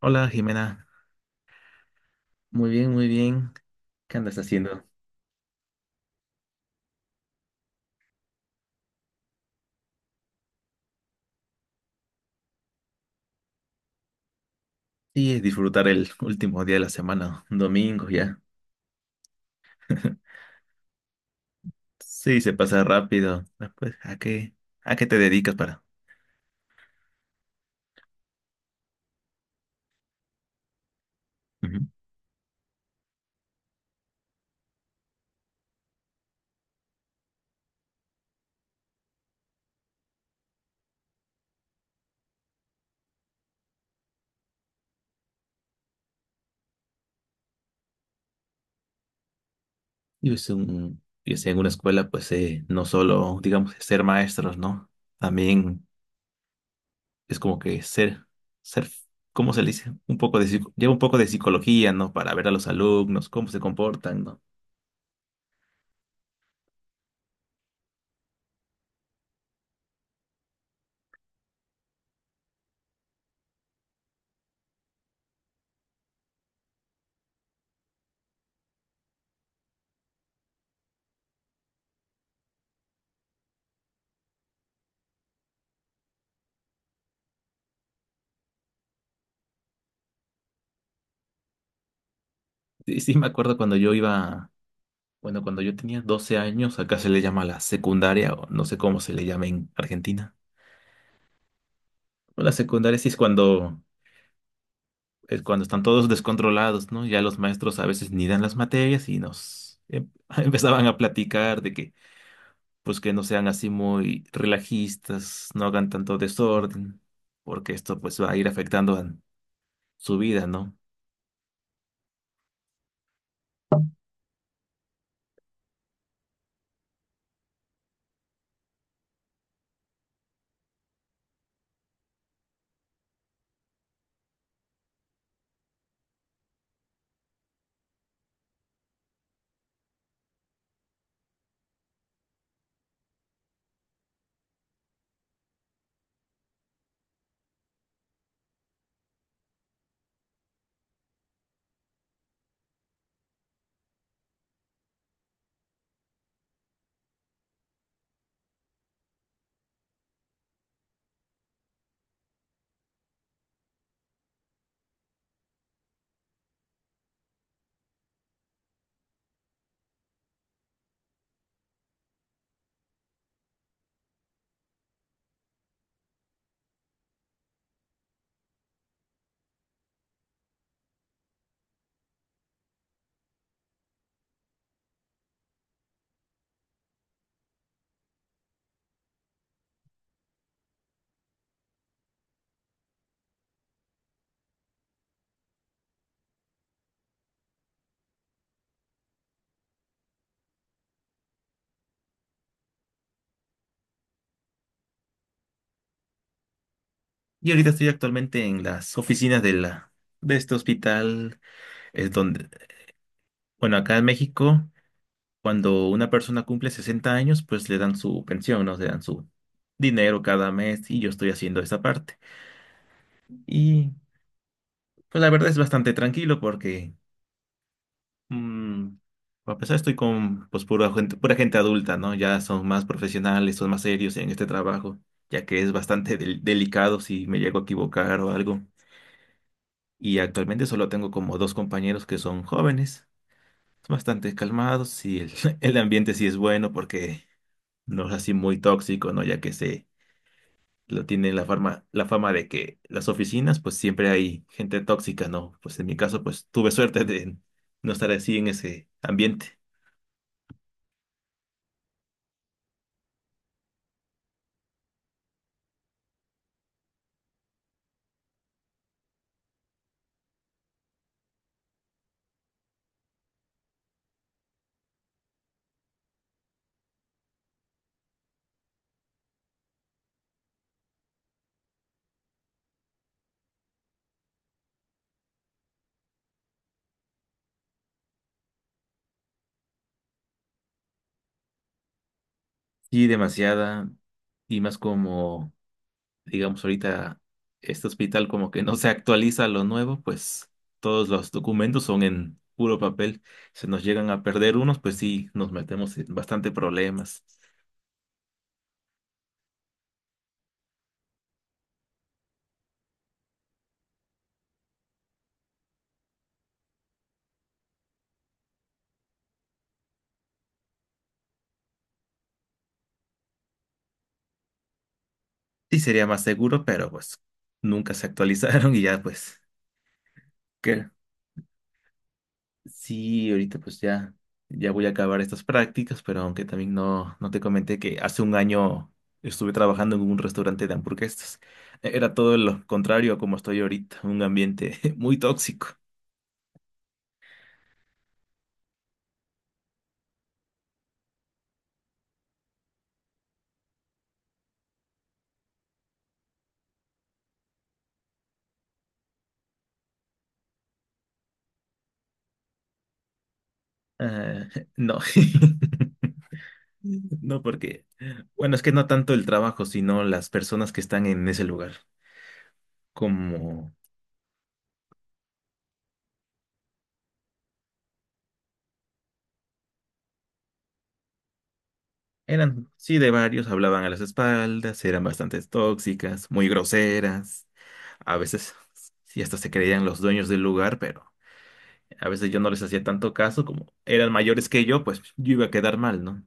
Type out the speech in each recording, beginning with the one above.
Hola Jimena, muy bien, muy bien. ¿Qué andas haciendo? Sí, disfrutar el último día de la semana, un domingo ya. Sí, se pasa rápido. Ah, pues, ¿a qué te dedicas para? Ujú. Yo estoy en una escuela, pues no solo, digamos, ser maestros, ¿no? También es como que ser, ¿cómo se le dice? Un poco de, lleva un poco de psicología, ¿no? Para ver a los alumnos, cómo se comportan, ¿no? Sí, sí, me acuerdo cuando yo iba bueno, cuando yo tenía 12 años, acá se le llama la secundaria, o no sé cómo se le llama en Argentina. Bueno, La secundaria sí es cuando están todos descontrolados, ¿no? Ya los maestros a veces ni dan las materias y empezaban a platicar de que, pues que no sean así muy relajistas, no hagan tanto desorden, porque esto pues va a ir afectando a su vida, ¿no? Y ahorita estoy actualmente en las oficinas de la, de este hospital, es donde, bueno, acá en México. Cuando una persona cumple 60 años, pues le dan su pensión, ¿no? Le dan su dinero cada mes y yo estoy haciendo esa parte. Y pues la verdad es bastante tranquilo porque, mm, a pesar estoy con pura gente adulta, ¿no? Ya son más profesionales, son más serios en este trabajo, ya que es bastante delicado si me llego a equivocar o algo. Y actualmente solo tengo como dos compañeros que son jóvenes, son bastante calmados y el ambiente sí es bueno porque no es así muy tóxico, ¿no? Ya que se lo tiene la fama de que las oficinas, pues siempre hay gente tóxica, ¿no? Pues en mi caso, pues tuve suerte de no estar así en ese ambiente. Sí, demasiada, y más como, digamos, ahorita este hospital como que no se actualiza lo nuevo, pues todos los documentos son en puro papel. Se nos llegan a perder unos, pues sí, nos metemos en bastante problemas. Sí, sería más seguro, pero pues nunca se actualizaron y ya, pues, ¿qué? Sí, ahorita ya voy a acabar estas prácticas, pero aunque también no te comenté que hace un año estuve trabajando en un restaurante de hamburguesas. Era todo lo contrario a como estoy ahorita, un ambiente muy tóxico. Ah, no, no porque, bueno, es que no tanto el trabajo, sino las personas que están en ese lugar, como eran, sí, de varios, hablaban a las espaldas, eran bastante tóxicas, muy groseras. A veces sí hasta se creían los dueños del lugar, pero a veces yo no les hacía tanto caso, como eran mayores que yo, pues yo iba a quedar mal, ¿no?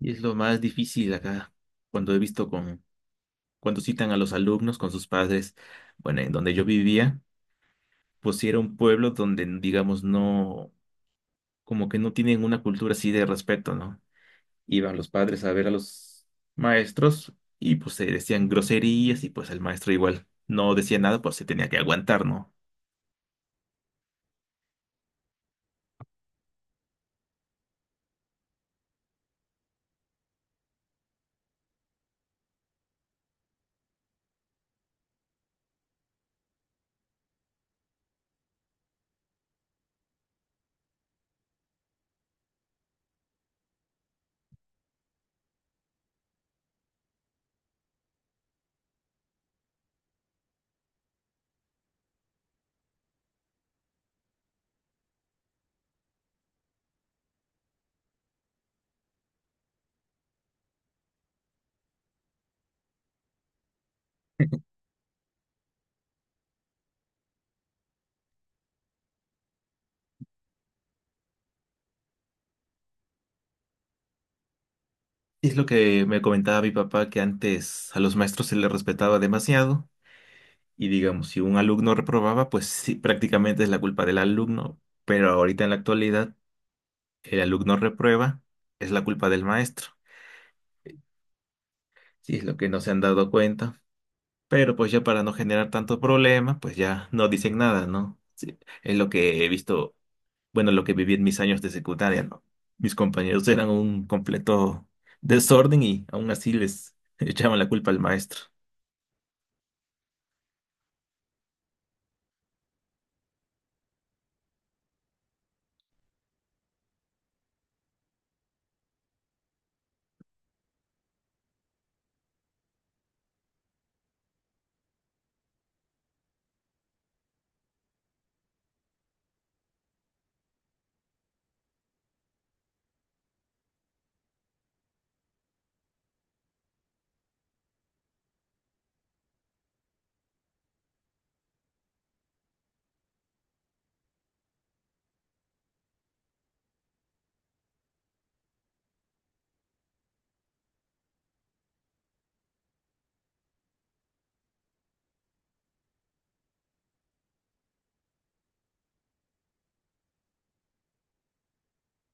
Y es lo más difícil acá, cuando he visto con, cuando citan a los alumnos con sus padres, bueno, en donde yo vivía, pues sí era un pueblo donde, como que no tienen una cultura así de respeto, ¿no? Iban los padres a ver a los maestros y pues se decían groserías y pues el maestro igual no decía nada, pues se tenía que aguantar, ¿no? Es lo que me comentaba mi papá, que antes a los maestros se les respetaba demasiado y digamos, si un alumno reprobaba, pues sí, prácticamente es la culpa del alumno, pero ahorita en la actualidad el alumno reprueba, es la culpa del maestro. Sí, es lo que no se han dado cuenta, pero pues ya para no generar tanto problema, pues ya no dicen nada, ¿no? Sí, es lo que he visto, bueno, lo que viví en mis años de secundaria, ¿no? Mis compañeros eran un completo desorden y aún así les echaban la culpa al maestro.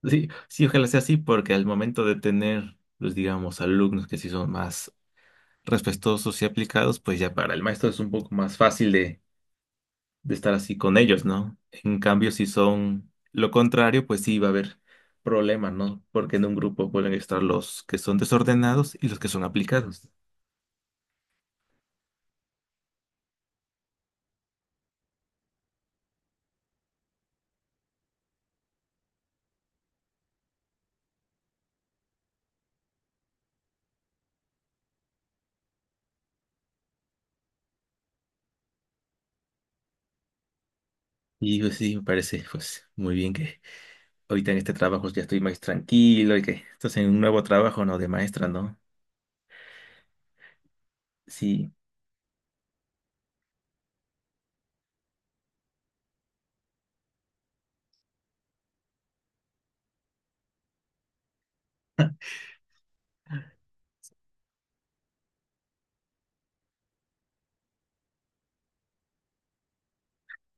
Sí, sí, ojalá sea así, porque al momento de tener, pues digamos, alumnos que sí son más respetuosos y aplicados, pues ya para el maestro es un poco más fácil de estar así con ellos, ¿no? En cambio, si son lo contrario, pues sí va a haber problemas, ¿no? Porque en un grupo pueden estar los que son desordenados y los que son aplicados. Y pues sí, me parece, pues muy bien que ahorita en este trabajo ya estoy más tranquilo y que estás en un nuevo trabajo, ¿no? De maestra, ¿no? Sí.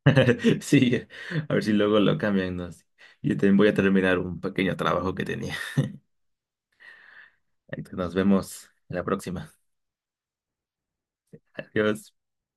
Sí, a ver si luego lo cambian, ¿no? Sí. Yo también voy a terminar un pequeño trabajo que tenía. Nos vemos en la próxima. Adiós.